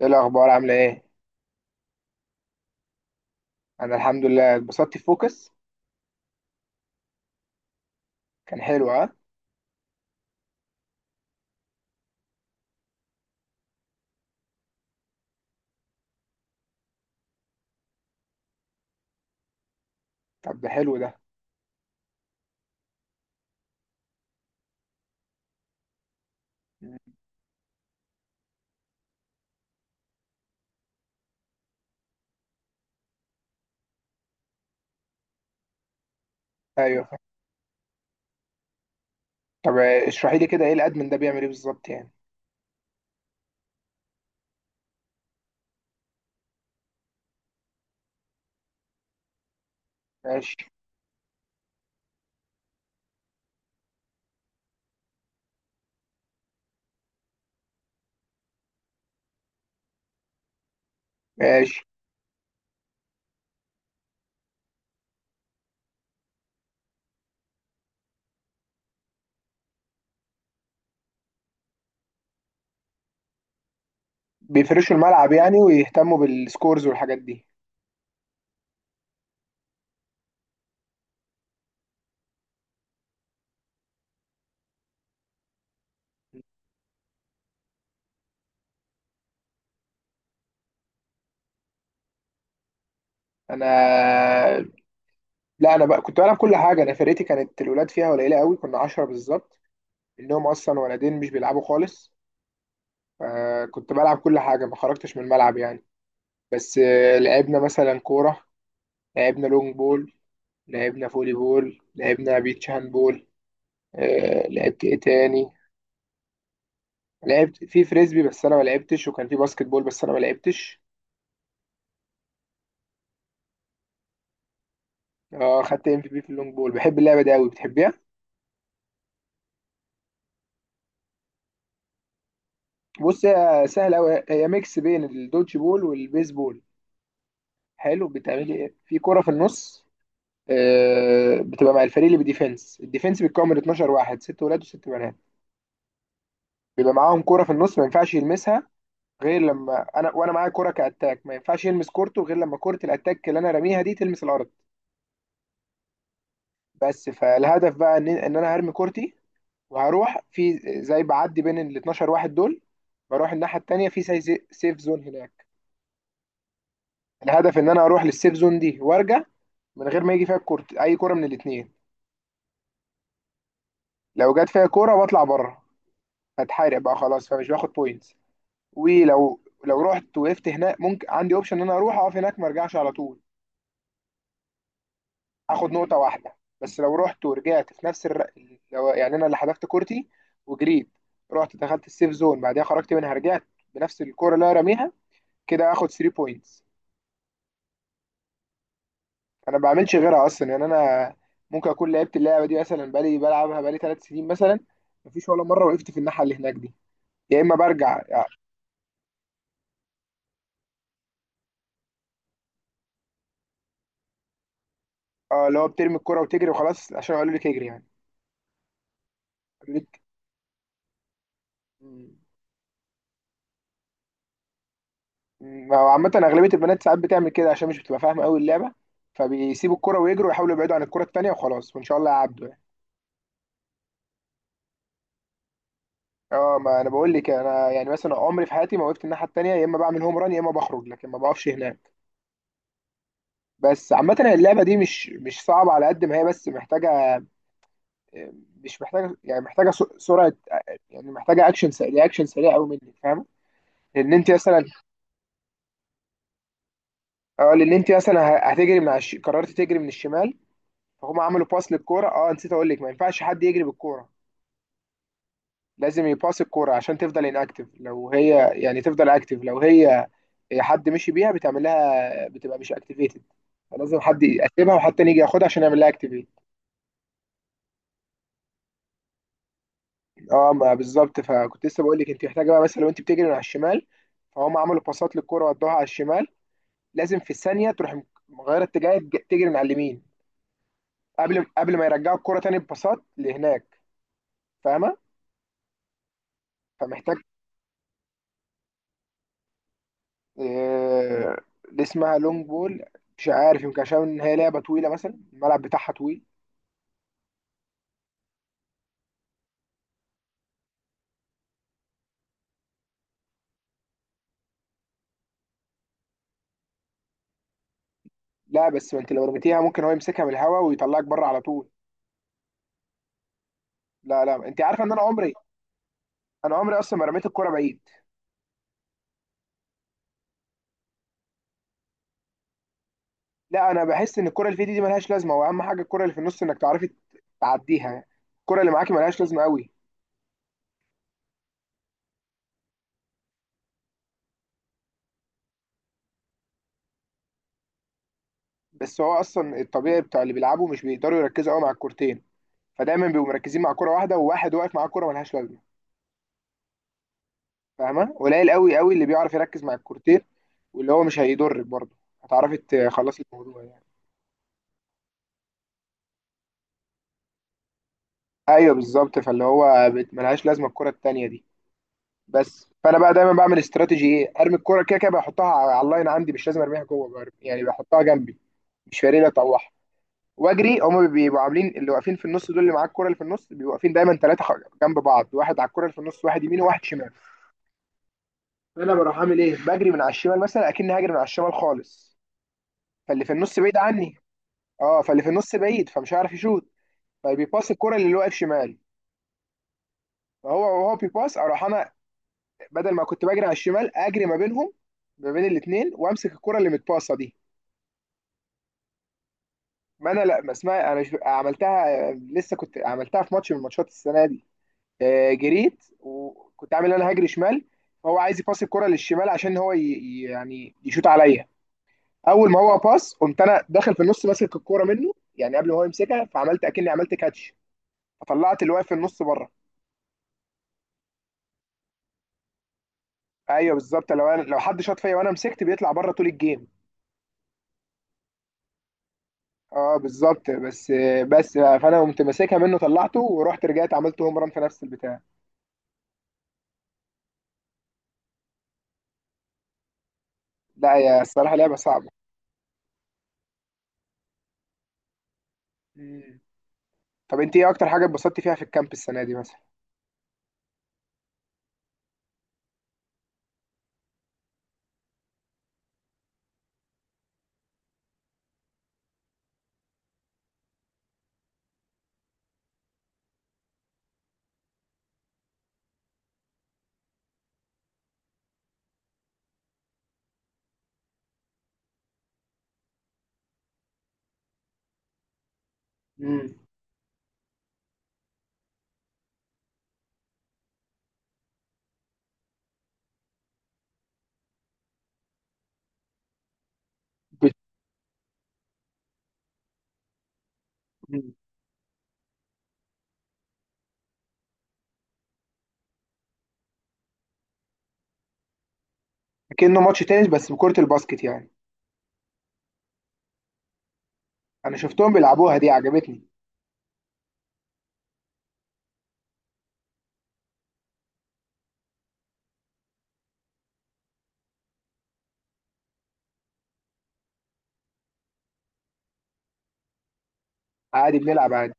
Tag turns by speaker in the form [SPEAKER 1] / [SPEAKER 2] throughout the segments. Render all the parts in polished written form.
[SPEAKER 1] ايه الاخبار؟ عامله ايه؟ انا الحمد لله، اتبسطت في فوكس. كان حلو، ها؟ طب ده حلو، ده. ايوه. طب. اشرحي لي كده، ايه الادمن ده بيعمل ايه بالظبط يعني؟ ماشي. ماشي. بيفرشوا الملعب يعني ويهتموا بالسكورز والحاجات دي؟ انا؟ لا، انا بقى كنت بلعب كل حاجه. انا فرقتي كانت الولاد فيها قليله قوي، كنا 10 بالظبط. منهم اصلا ولدين مش بيلعبوا خالص. فكنت بلعب كل حاجه، ما خرجتش من الملعب يعني. بس لعبنا مثلا كوره، لعبنا لونج بول، لعبنا فولي بول، لعبنا بيتش هاند بول. لعبت ايه تاني؟ لعبت في فريسبي بس انا ما لعبتش، وكان في باسكت بول بس انا ما لعبتش. اه، خدت ام في بي في اللونج بول. بحب اللعبه دي قوي، بتحبيها؟ بص، هي سهله قوي. هي ميكس بين الدوتش بول والبيسبول. حلو. بتعملي ايه في كره في النص؟ بتبقى مع الفريق اللي بديفنس. الديفنس بيتكون من 12 واحد، ست ولاد وست بنات. بيبقى معاهم كره في النص، ما ينفعش يلمسها غير لما انا، وانا معايا كره كاتاك. ما ينفعش يلمس كورته غير لما كره الاتاك اللي انا راميها دي تلمس الارض. بس فالهدف بقى ان انا هرمي كورتي، وهروح في زي بعدي بين ال 12 واحد دول. بروح الناحيه التانيه في زي سيف زون هناك. الهدف ان انا اروح للسيف زون دي وارجع، من غير ما يجي فيها الكورت اي كوره من الاثنين. لو جت فيها كوره بطلع بره، هتحارق بقى خلاص، فمش باخد بوينتس. ولو، لو رحت وقفت هناك ممكن عندي اوبشن ان انا اروح اقف هناك، ما ارجعش على طول. هاخد نقطة واحدة بس. لو رحت ورجعت في نفس لو يعني أنا اللي حذفت كورتي، وجريت، رحت دخلت السيف زون، بعدها خرجت منها رجعت بنفس الكورة اللي أنا راميها، كده هاخد 3 بوينتس. أنا ما بعملش غيرها أصلا يعني. أنا ممكن أكون لعبت اللعبة دي مثلا بلعبها بقالي 3 سنين مثلا. مفيش ولا مرة وقفت في الناحية اللي هناك دي. يا إما برجع يعني- اه، اللي هو بترمي الكورة وتجري وخلاص عشان قالوا لك اجري يعني. قالوا لك. ما هو عامة أغلبية البنات ساعات بتعمل كده عشان مش بتبقى فاهمة أوي اللعبة، فبيسيبوا الكرة ويجروا ويحاولوا يبعدوا عن الكرة التانية وخلاص، وإن شاء الله يعدوا يعني. اه، ما أنا بقول لك. أنا يعني مثلا عمري في حياتي ما وقفت الناحية التانية، يا إما بعمل هوم ران، يا إما بخرج، لكن ما بقفش هناك. بس عامة اللعبة دي مش صعبة على قد ما هي، بس محتاجة. مش محتاجة يعني محتاجة سرعة، يعني محتاجة أكشن سريع، أكشن سريع أوي منك، فاهمة؟ لأن أنت مثلا. اه، لأن أنت مثلا هتجري من على قررت تجري من الشمال، فهم عملوا باس للكورة. اه، نسيت أقول لك، ما ينفعش حد يجري بالكورة. لازم يباص الكوره عشان تفضل اكتف. لو هي حد مشي بيها بتعمل لها، بتبقى مش اكتيفيتد، فلازم حد يقسمها وحد تاني يجي ياخدها عشان يعمل لها اكتيفيت. اه، ما بالظبط. فكنت لسه بقول لك انت محتاجه بقى، مثلا لو انت بتجري من على الشمال، فهم عملوا باصات للكوره ودوها على الشمال، لازم في الثانيه تروح مغيره اتجاه، تجري من على اليمين، قبل ما يرجعوا الكوره تاني بباصات لهناك. فاهمه؟ فمحتاج. آه، اللي اسمها لونج بول، مش عارف، يمكن عشان ان هي لعبه طويله، مثلا الملعب بتاعها طويل. لا بس ما انت لو رميتيها ممكن هو يمسكها من الهواء ويطلعك بره على طول. لا، لا، انت عارفه ان انا عمري، انا عمري اصلا ما رميت الكوره بعيد. لا، انا بحس ان الكوره اللي في دي ملهاش لازمه. واهم حاجه الكوره اللي في النص، انك تعرفي تعديها. الكوره اللي معاكي ملهاش لازمه قوي. بس هو اصلا الطبيعي بتاع اللي بيلعبوا، مش بيقدروا يركزوا قوي مع الكورتين، فدايما بيبقوا مركزين مع كوره واحده، وواحد واقف مع كوره ملهاش لازمه. فاهمه؟ قليل قوي قوي اللي بيعرف يركز مع الكورتير، واللي هو مش هيضرك برضه، هتعرفي تخلصي الموضوع يعني. ايوه بالظبط، فاللي هو ملهاش لازمه الكره التانيه دي. بس فانا بقى دايما بعمل استراتيجي ايه؟ ارمي الكره كده كده، بحطها على اللاين عندي، مش لازم ارميها جوه بقى. يعني بحطها جنبي، مش فارق لي اطوحها. واجري. هما بيبقوا عاملين اللي واقفين في النص دول، اللي معاك الكره اللي في النص، بيبقوا واقفين دايما ثلاثه جنب بعض، واحد على الكره اللي في النص، واحد يمين وواحد شمال. فانا بروح عامل ايه؟ بجري من على الشمال مثلا، اكني هاجري من على الشمال خالص، فاللي في النص بعيد عني. اه، فاللي في النص بعيد فمش هيعرف يشوط، فبيباص الكرة اللي واقف شمال. وهو بيباص، اروح انا بدل ما كنت بجري على الشمال، اجري ما بينهم، ما بين الاثنين، وامسك الكرة اللي متباصة دي. ما انا لا، ما اسمها، انا مش عملتها لسه، كنت عملتها في ماتش من الماتشات السنة دي. جريت وكنت عامل انا هجري شمال، فهو عايز يباص الكرة للشمال عشان هو يعني يشوط عليا. اول ما هو باص، قمت انا داخل في النص ماسك الكرة منه يعني، قبل ما هو يمسكها، فعملت اكني عملت كاتش، فطلعت اللي واقف في النص بره. ايوه بالظبط، لو حد شاط فيا وانا مسكت بيطلع بره طول الجيم. اه بالظبط، بس بقى، فانا قمت ماسكها منه، طلعته ورحت رجعت، عملت هوم ران في نفس البتاع. لا يا، الصراحه لعبه صعبه. مم. طب انت ايه اكتر حاجه اتبسطتي فيها في الكامب السنه دي مثلا؟ مم. بت- مم. كأنه ماتش تنس بس بكره الباسكت يعني. انا شفتهم بيلعبوها، دي عجبتني. عادي، بنلعب عادي،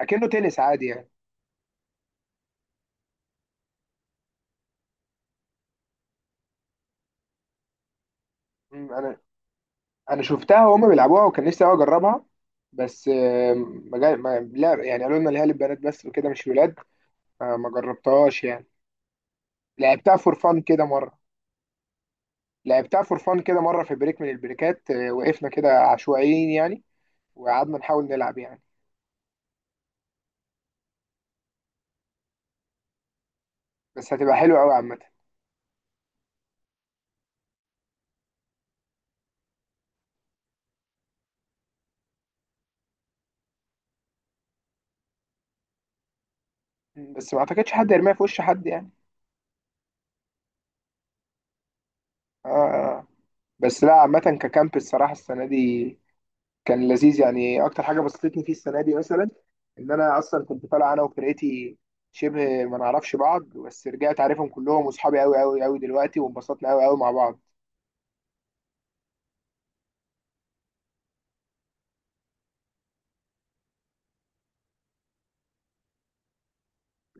[SPEAKER 1] اكنه تنس عادي يعني. مم. انا شفتها وهم بيلعبوها وكان نفسي أوي اجربها. بس آم، ما جا- ما- لا يعني، قالوا لنا اللي هي للبنات بس وكده، مش ولاد. ما جربتهاش يعني. لعبتها فور فان كده مره لعبتها فور فان كده مره في بريك من البريكات، وقفنا كده عشوائيين يعني، وقعدنا نحاول نلعب يعني. بس هتبقى حلوه قوي عامه. بس ما اعتقدش حد يرميها في وش حد يعني. اه، آه. بس لا، عامه ككامب الصراحه السنه دي كان لذيذ يعني. اكتر حاجه بسطتني فيه السنه دي مثلا، ان انا اصلا كنت طالع انا وفرقتي شبه ما نعرفش بعض، بس رجعت عارفهم كلهم، واصحابي قوي قوي قوي دلوقتي، وانبسطنا قوي قوي مع بعض.